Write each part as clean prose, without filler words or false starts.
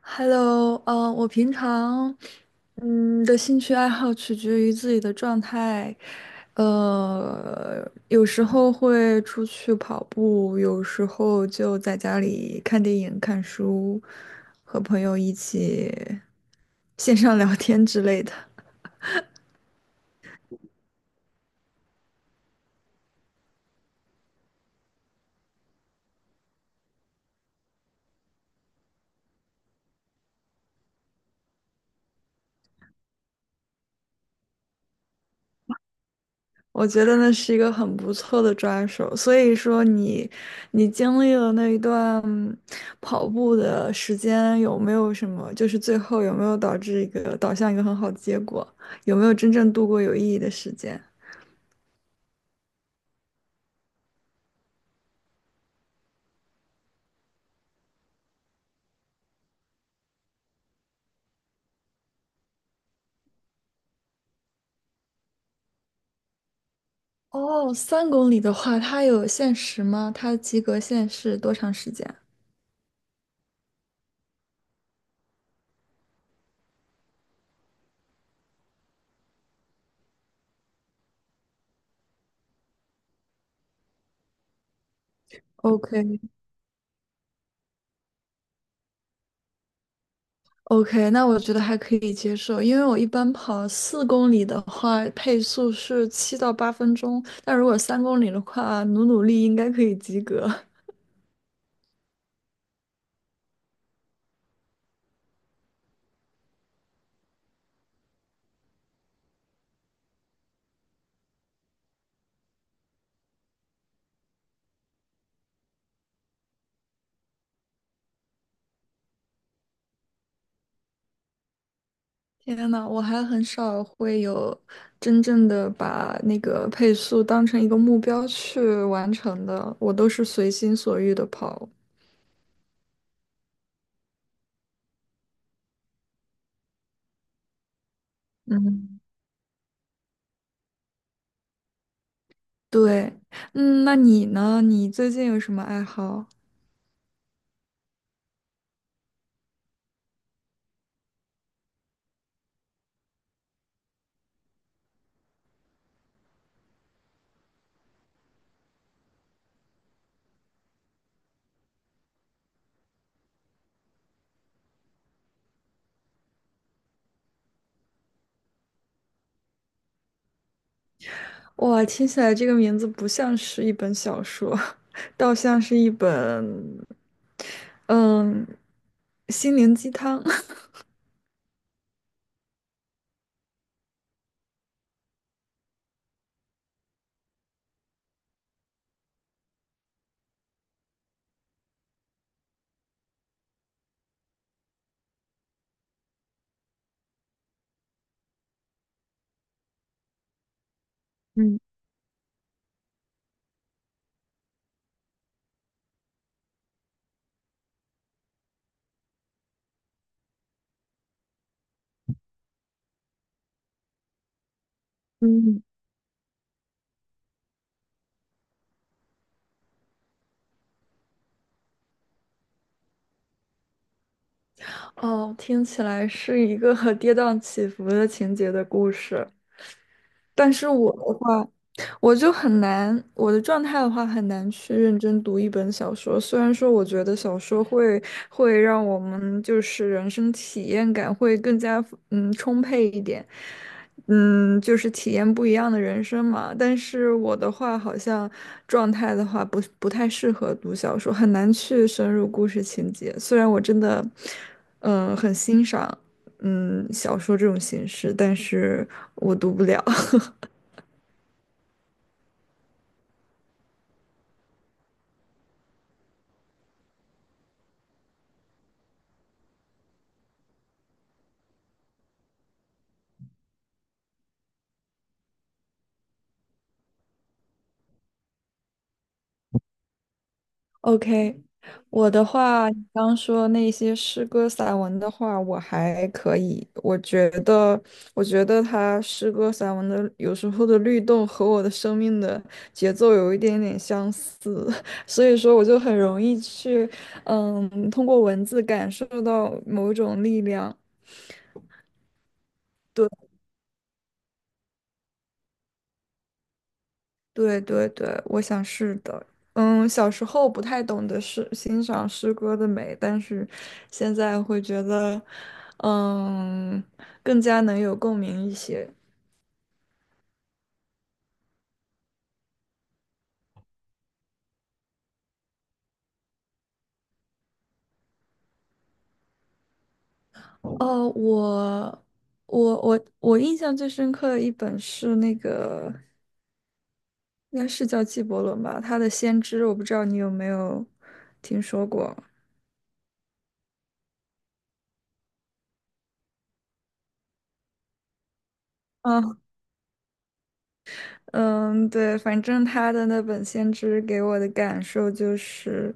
Hello，我平常的兴趣爱好取决于自己的状态，有时候会出去跑步，有时候就在家里看电影、看书，和朋友一起线上聊天之类的。我觉得那是一个很不错的抓手，所以说你，你经历了那一段跑步的时间，有没有什么，就是最后有没有导向一个很好的结果？有没有真正度过有意义的时间？哦，三公里的话，它有限时吗？它及格线是多长时间？OK，OK，那我觉得还可以接受，因为我一般跑四公里的话，配速是七到八分钟，但如果三公里的话，努努力应该可以及格。天呐，我还很少会有真正的把那个配速当成一个目标去完成的，我都是随心所欲的跑。嗯。对，嗯，那你呢？你最近有什么爱好？哇，听起来这个名字不像是一本小说。倒像是一本，嗯，心灵鸡汤。嗯嗯哦，听起来是一个 跌宕起伏的情节的故事。但是我的话，我就很难，我的状态的话很难去认真读一本小说。虽然说我觉得小说会让我们就是人生体验感会更加充沛一点，嗯，就是体验不一样的人生嘛。但是我的话好像状态的话不太适合读小说，很难去深入故事情节。虽然我真的很欣赏小说这种形式，但是我读不了。OK，我的话，你刚说那些诗歌散文的话，我还可以。我觉得，我觉得他诗歌散文的有时候的律动和我的生命的节奏有一点点相似，所以说我就很容易去，嗯，通过文字感受到某种力量。对。对对对，我想是的。嗯，小时候不太懂得欣赏诗歌的美，但是现在会觉得，嗯，更加能有共鸣一些。哦，我印象最深刻的一本是那个，应该是叫纪伯伦吧，他的《先知》，我不知道你有没有听说过。啊。嗯，对，反正他的那本《先知》给我的感受就是，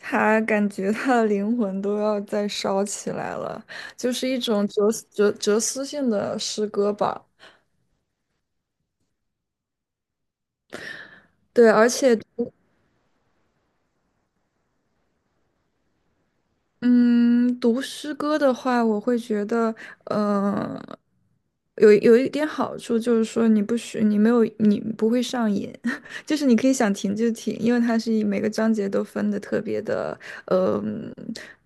他感觉他的灵魂都要再烧起来了，就是一种哲思性的诗歌吧。对，而且读嗯，读诗歌的话，我会觉得，呃，有一点好处就是说，你不许你没有你不会上瘾，就是你可以想停就停，因为它是以每个章节都分的特别的，呃，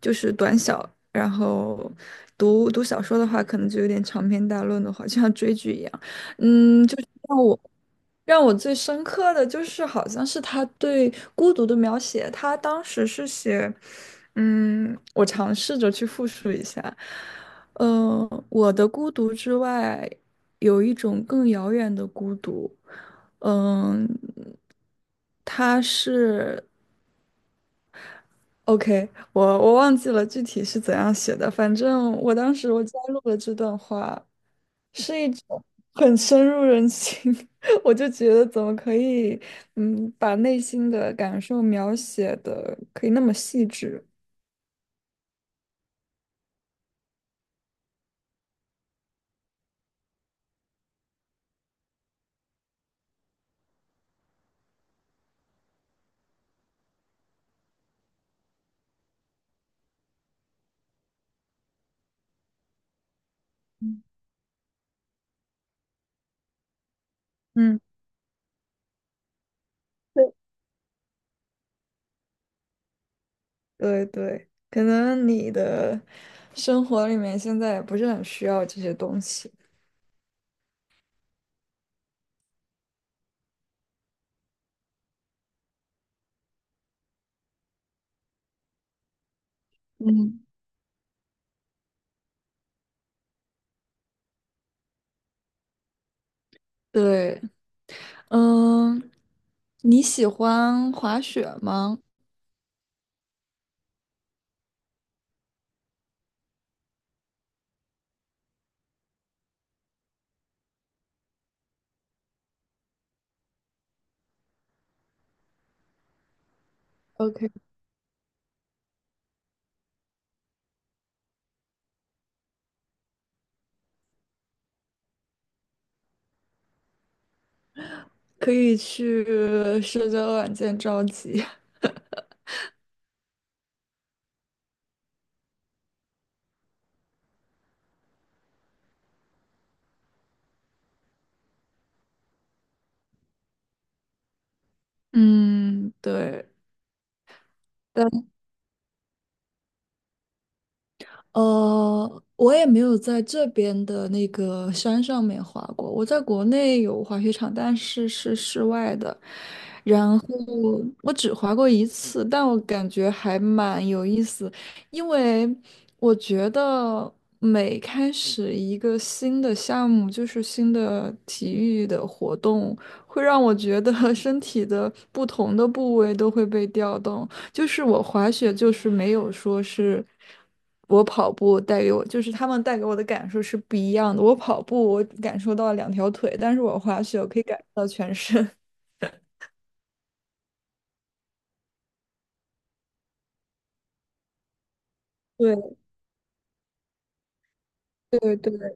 就是短小。然后读小说的话，可能就有点长篇大论的话，就像追剧一样。嗯，让我最深刻的就是，好像是他对孤独的描写。他当时是写，嗯，我尝试着去复述一下，嗯，我的孤独之外，有一种更遥远的孤独。嗯，他是 OK，我忘记了具体是怎样写的，反正我当时我加入了这段话，是一种很深入人心，我就觉得怎么可以，嗯，把内心的感受描写的可以那么细致。嗯，对对对，可能你的生活里面现在也不是很需要这些东西。嗯，对，嗯，你喜欢滑雪吗？o k 可以去社交软件召集。嗯，对，但我也没有在这边的那个山上面滑过。我在国内有滑雪场，但是是室外的。然后我只滑过一次，但我感觉还蛮有意思，因为我觉得每开始一个新的项目，就是新的体育的活动，会让我觉得 身体的不同的部位都会被调动。就是我滑雪就是没有说是我跑步带给我，就是他们带给我的感受是不一样的。我跑步我感受到了两条腿，但是我滑雪我可以感受到全身。对对对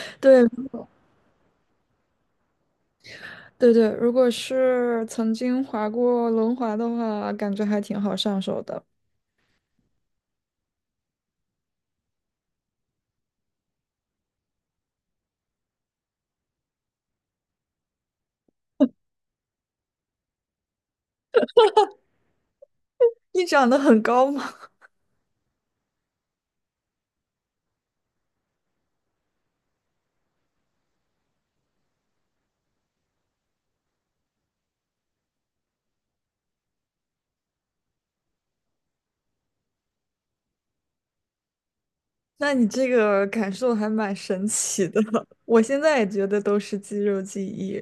对对，如果是曾经滑过轮滑的话，感觉还挺好上手的。你长得很高吗？那你这个感受还蛮神奇的。我现在也觉得都是肌肉记忆，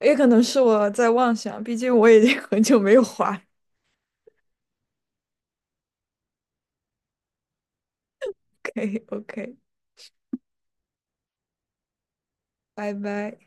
也可能是我在妄想，毕竟我已经很久没有滑 OK OK，拜拜。